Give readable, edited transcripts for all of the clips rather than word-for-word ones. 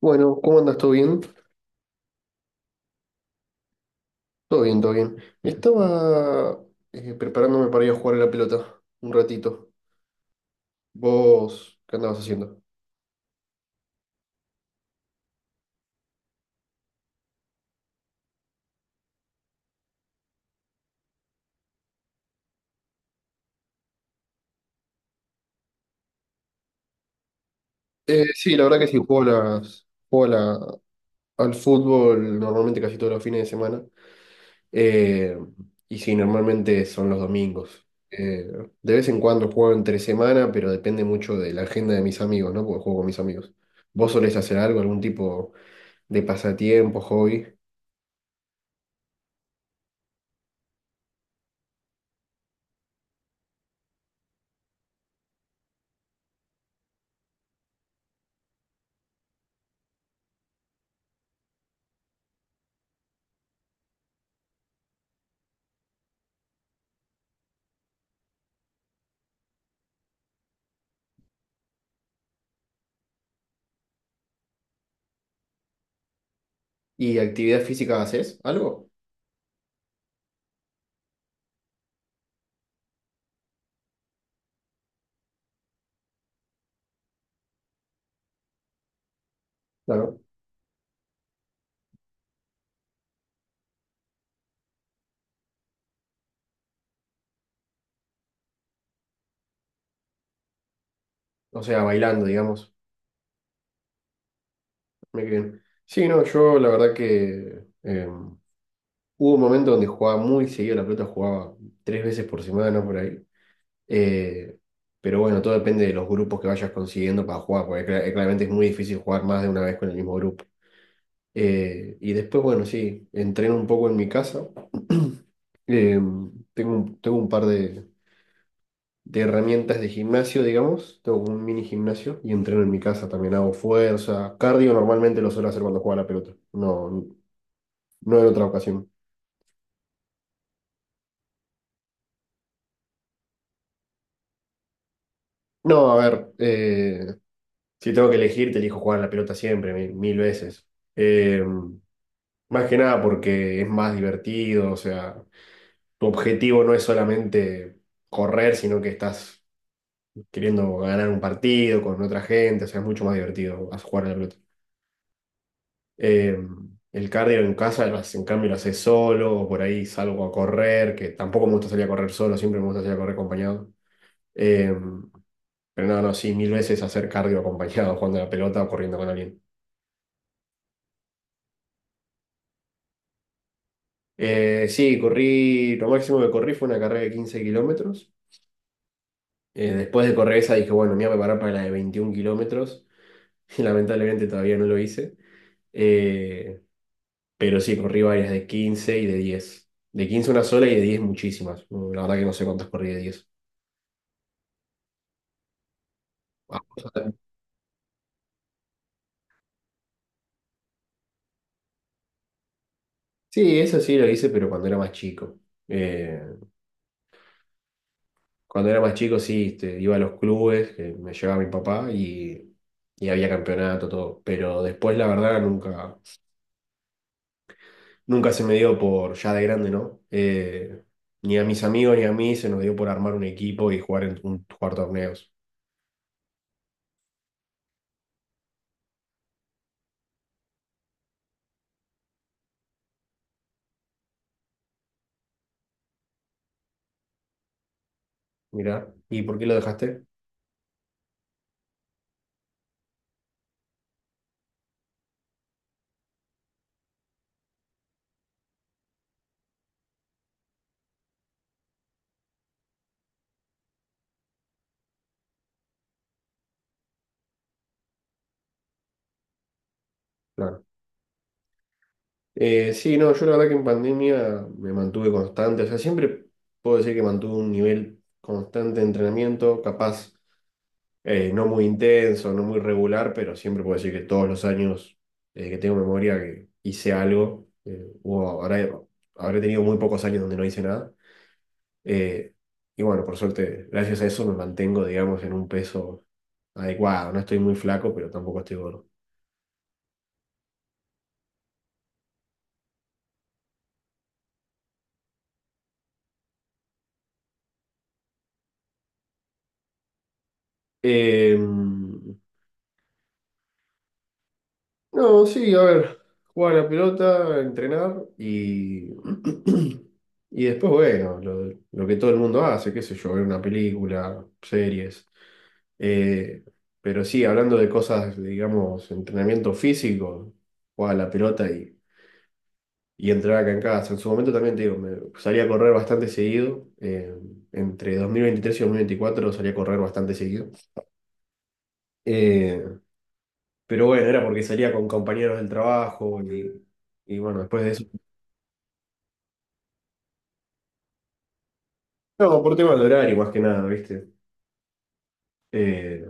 Bueno, ¿cómo andas? ¿Todo bien? Todo bien, todo bien. Estaba preparándome para ir a jugar a la pelota un ratito. ¿Vos qué andabas haciendo? Sí, la verdad que sí, juego al fútbol normalmente casi todos los fines de semana. Eh, y sí, normalmente son los domingos. De vez en cuando juego entre semana, pero depende mucho de la agenda de mis amigos, ¿no? Porque juego con mis amigos. ¿Vos solés hacer algo, algún tipo de pasatiempo, hobby? ¿Y actividad física haces? ¿Algo? Claro. O sea, bailando, digamos. Mira bien. Sí, no, yo la verdad que hubo un momento donde jugaba muy seguido a la pelota, jugaba 3 veces por semana por ahí. Eh, pero bueno, todo depende de los grupos que vayas consiguiendo para jugar, porque claramente es muy difícil jugar más de una vez con el mismo grupo. Y después, bueno, sí, entreno un poco en mi casa. Eh, tengo un par de herramientas de gimnasio, digamos. Tengo como un mini gimnasio y entreno en mi casa también. Hago fuerza. Cardio normalmente lo suelo hacer cuando juego a la pelota. No, no en otra ocasión. No, a ver, si tengo que elegir, te elijo jugar a la pelota siempre, mil, mil veces. Eh, Más que nada porque es más divertido, o sea, tu objetivo no es solamente correr, sino que estás queriendo ganar un partido con otra gente, o sea, es mucho más divertido jugar a la pelota. Eh, el cardio en casa, en cambio, lo haces solo, o por ahí salgo a correr, que tampoco me gusta salir a correr solo, siempre me gusta salir a correr acompañado. Eh, pero no, no, sí, mil veces hacer cardio acompañado, jugando a la pelota o corriendo con alguien. Sí, corrí, lo máximo que corrí fue una carrera de 15 kilómetros. Después de correr esa dije, bueno, me voy a preparar para la de 21 kilómetros. Y lamentablemente todavía no lo hice. Eh, pero sí, corrí varias de 15 y de 10. De 15 una sola y de 10 muchísimas. La verdad que no sé cuántas corrí de 10. Vamos. Sí, eso sí lo hice, pero cuando era más chico. Eh, Cuando era más chico, sí, este, iba a los clubes que me llevaba mi papá y, había campeonato, todo. Pero después, la verdad, nunca, nunca se me dio por, ya de grande, ¿no? Ni a mis amigos ni a mí se nos dio por armar un equipo y jugar, jugar torneos. Mirá, ¿y por qué lo dejaste? Claro. Sí, no, yo la verdad que en pandemia me mantuve constante, o sea, siempre puedo decir que mantuve un nivel constante de entrenamiento, capaz. No muy intenso, no muy regular, pero siempre puedo decir que todos los años que tengo memoria que hice algo, habré tenido muy pocos años donde no hice nada. eh, y bueno, por suerte, gracias a eso me mantengo, digamos, en un peso adecuado. No estoy muy flaco, pero tampoco estoy gordo. No, sí, a ver, jugar a la pelota, entrenar y... Y después, bueno, lo que todo el mundo hace, qué sé yo, ver una película, series. Eh, pero sí, hablando de cosas, digamos, entrenamiento físico, jugaba a la pelota y, entrenaba acá en casa. En su momento también te digo, me salía a correr bastante seguido. Entre 2023 y 2024 salía a correr bastante seguido. Eh, pero bueno, era porque salía con compañeros del trabajo y bueno, después de eso. No, por tema de horario, más que nada, ¿viste? Eh,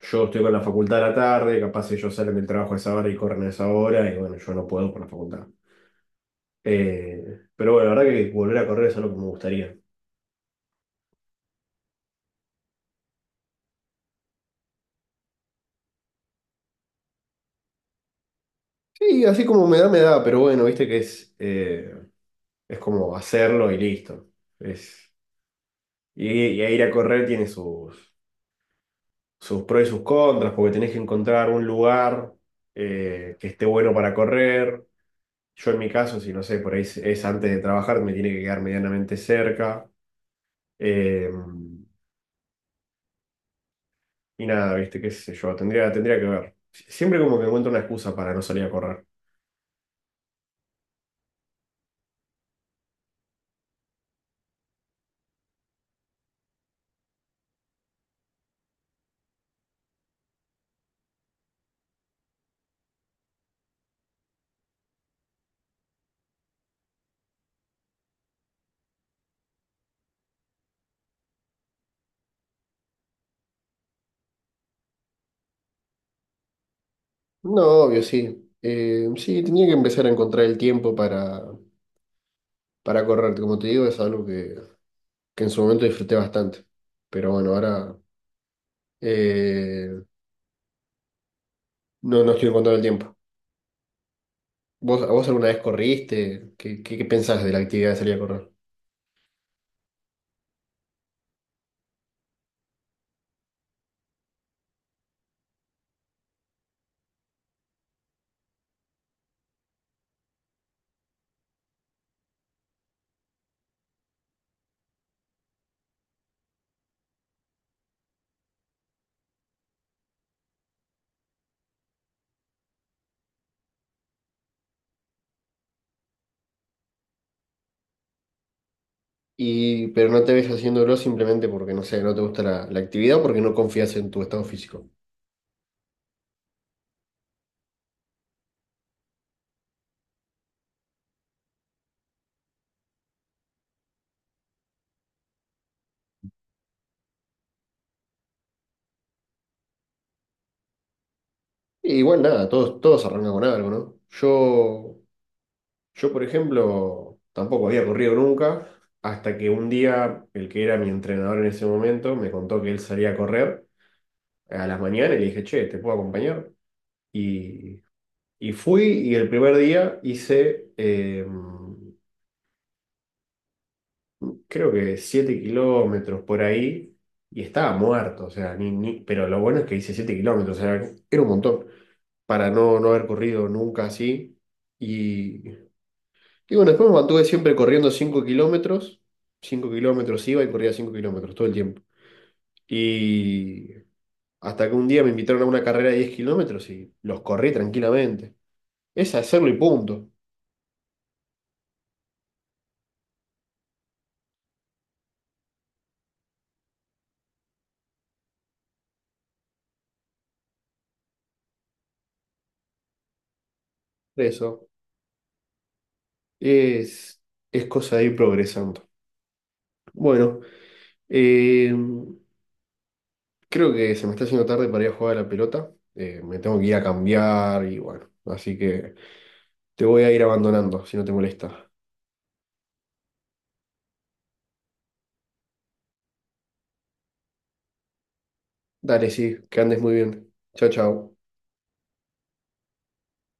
yo estoy con la facultad a la tarde, capaz ellos salen del trabajo a esa hora y corren a esa hora, y bueno, yo no puedo por la facultad. Pero bueno, la verdad que volver a correr es algo que me gustaría. Sí, así como me da, pero bueno, viste que es como hacerlo y listo. Es, y ir a correr tiene sus, sus pros y sus contras, porque tenés que encontrar un lugar que esté bueno para correr. Yo en mi caso, si no sé, por ahí es antes de trabajar, me tiene que quedar medianamente cerca. Eh, y nada, viste, qué sé yo, tendría que ver. Siempre como que encuentro una excusa para no salir a correr. No, obvio, sí. Sí, tenía que empezar a encontrar el tiempo para correr. Como te digo, es algo que en su momento disfruté bastante. Pero bueno, ahora eh, no, no estoy encontrando el tiempo. ¿ A vos alguna vez corriste? ¿Qué pensás de la actividad de salir a correr? Pero no te ves haciéndolo simplemente porque, no sé, no te gusta la actividad o porque no confías en tu estado físico. Y igual nada, todos arrancan con algo, ¿no? Yo, por ejemplo, tampoco había corrido nunca, hasta que un día el que era mi entrenador en ese momento me contó que él salía a correr a las mañanas y le dije, che, ¿te puedo acompañar? Y, y fui y el primer día hice, creo que 7 kilómetros por ahí y estaba muerto, o sea, pero lo bueno es que hice 7 kilómetros, o sea, era un montón para no haber corrido nunca así. Y bueno, después me mantuve siempre corriendo 5 kilómetros. 5 kilómetros iba y corría 5 kilómetros todo el tiempo. Y hasta que un día me invitaron a una carrera de 10 kilómetros y los corrí tranquilamente. Es hacerlo y punto. Eso. Es, es cosa de ir progresando. Bueno, eh, creo que se me está haciendo tarde para ir a jugar a la pelota. Me tengo que ir a cambiar y bueno. Así que te voy a ir abandonando, si no te molesta. Dale, sí, que andes muy bien. Chao, chao.